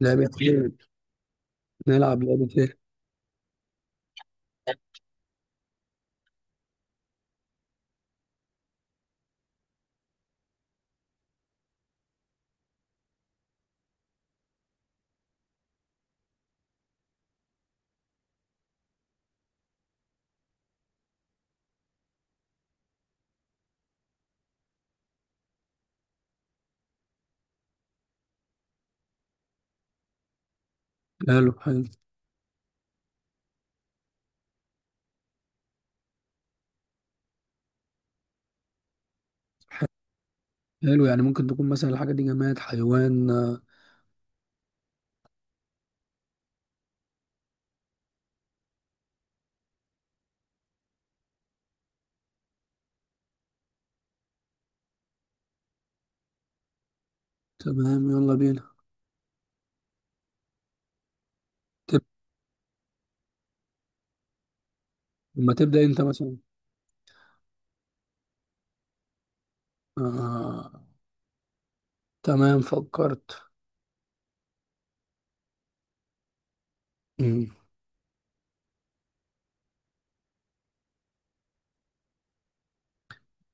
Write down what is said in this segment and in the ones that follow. لعبة ايه؟ نلعب لعبة ايه؟ حلو حلو حلو. يعني ممكن تكون مثلا الحاجة دي جماد، حيوان. تمام يلا بينا. تب... لما تبدأ انت مثلا. آه... تمام فكرت. مم.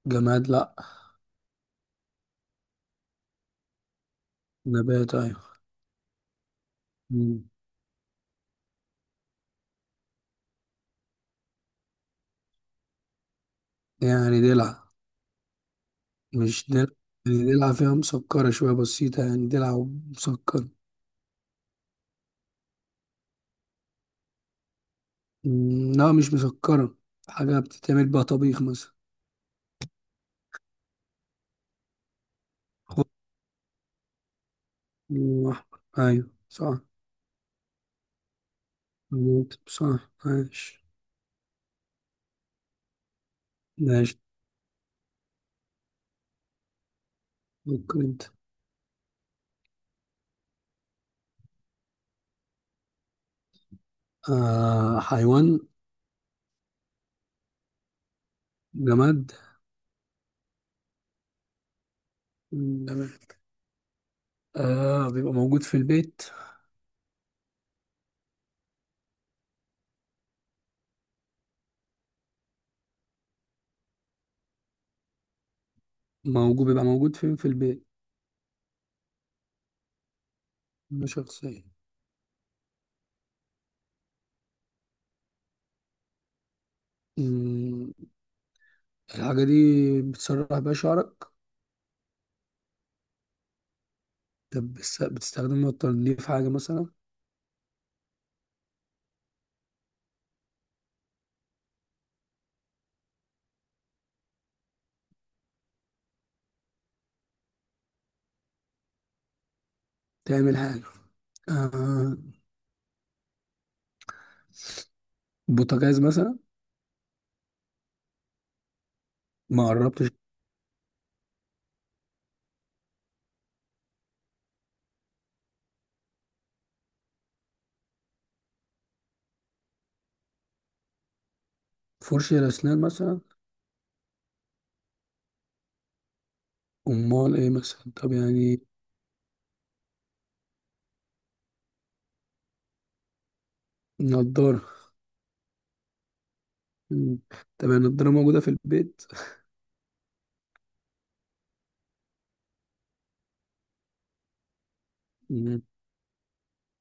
جماد لا. نبات ايوه. مم. يعني دلع؟ مش دلع. يعني دلع، فيها مسكرة شوية بسيطة، يعني دلع. مسكرة. لا مش مسكرة. حاجة بتتعمل بقى طبيخ مثلا. خضار وأحمر. ايوه صح. صح ماشي. ماشي ممكن انت. آه حيوان. جماد. جماد آه، بيبقى موجود في البيت. موجود. بيبقى موجود فين في البيت؟ مش شخصية. مم. الحاجة دي بتسرح بيها شعرك؟ طب بتستخدمها لتنظيف حاجة مثلا. تعمل حاجة. آه، بوتاجاز مثلا. ما قربتش. فرشة الأسنان مثلا. أمال إيه مثلا؟ طب يعني نضارة. مم. طب يعني النضارة موجودة في البيت.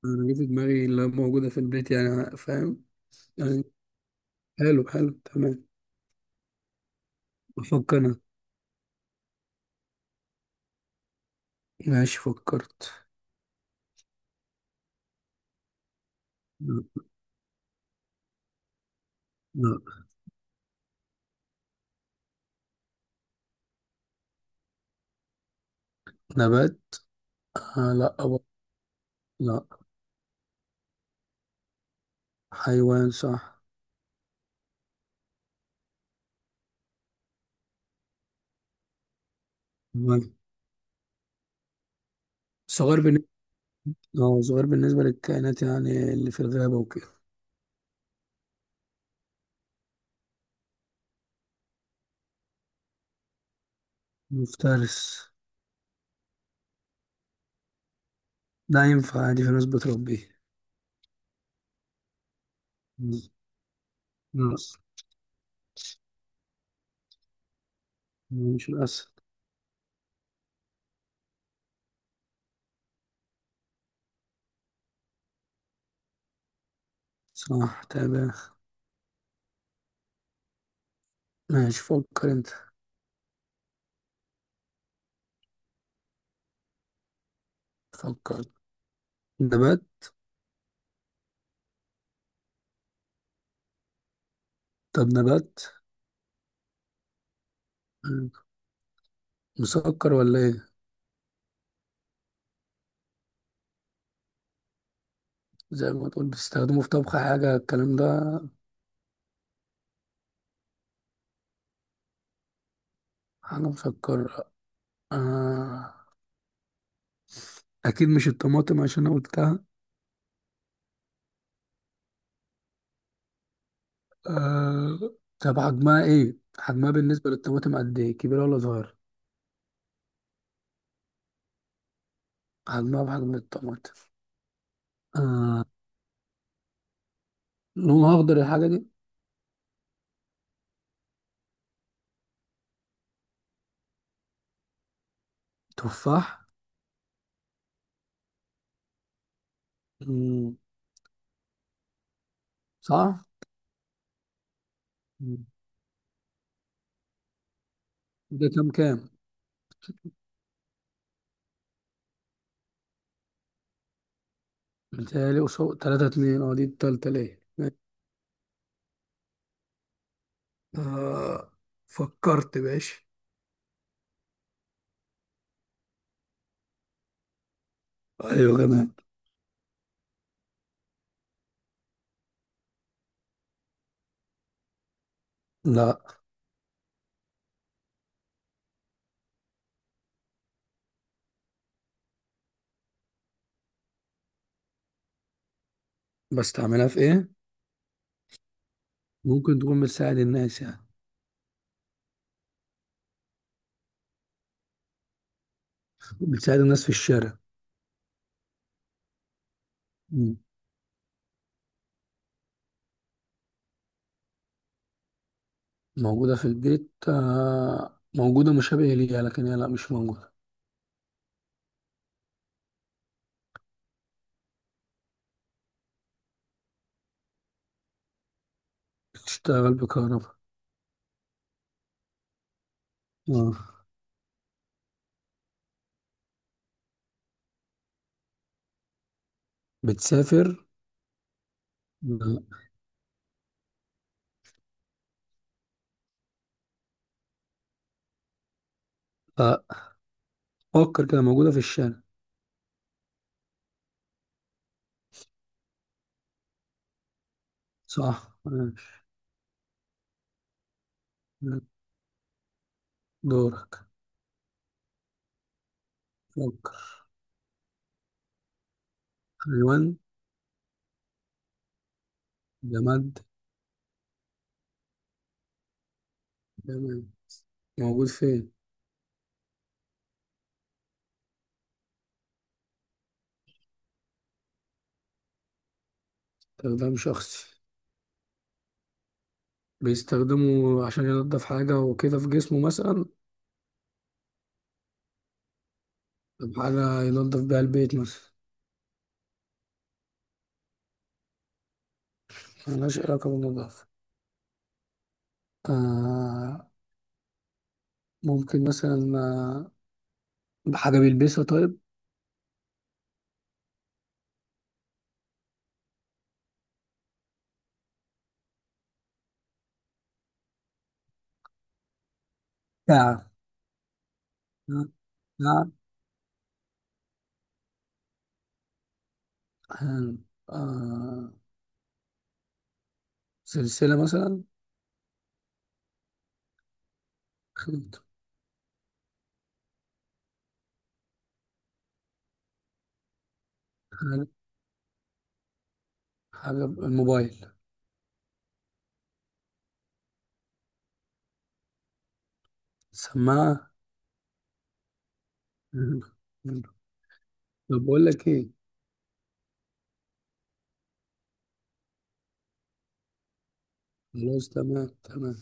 انا جه في دماغي اللي موجوده في البيت، يعني فاهم يعني. حلو حلو تمام. افكر انا. ماشي فكرت. لا. لا. نبات. آه لا لا. حيوان صح. تمام. صغير بالنسبه. اه صغير بالنسبه للكائنات يعني اللي في الغابه وكده. مفترس. ده ينفع عادي، في ناس بتربيه. لا مش الاسد. صح تمام ماشي. فكر انت. فكر. نبات. طب نبات. مسكر ولا ايه؟ زي ما تقول بتستخدمه في طبخ حاجة الكلام ده. أنا مفكر. آه. أكيد مش الطماطم عشان أنا قلتها. آه. طب حجمها إيه؟ حجمها بالنسبة للطماطم قد إيه؟ كبيرة ولا صغيرة؟ حجمها بحجم الطماطم. آه. لونها أخضر الحاجة دي؟ تفاح. مم. صح؟ مم. ده كام كام؟ متهيألي قصاد تلاتة اتنين، أه دي التالتة ليه؟ آه فكرت باش. أيوة كمان. لا. بستعملها في إيه؟ ممكن تكون بتساعد الناس يعني. بتساعد الناس في الشارع. مم. موجودة في البيت. موجودة مشابهة ليها، لكن هي لا مش موجودة. بتشتغل بكهرباء. آه. بتسافر؟ لا. آه، فكر كده. موجودة في الشارع. صح ماشي. دورك. فكر. حيوان. جماد. جماد موجود فين؟ استخدام شخصي. بيستخدمه عشان ينضف حاجة وكده في جسمه مثلا؟ طب حاجة ينضف بيها البيت مثلا. ملهاش علاقة بالنظافة. آه. ممكن مثلا، بحاجة بيلبسها طيب. ساعة. ساعة. آه. آه، سلسلة مثلا. خد- حاجة حاجة الموبايل. سماعة. طب بقول لك ايه؟ خلاص تمام تمام.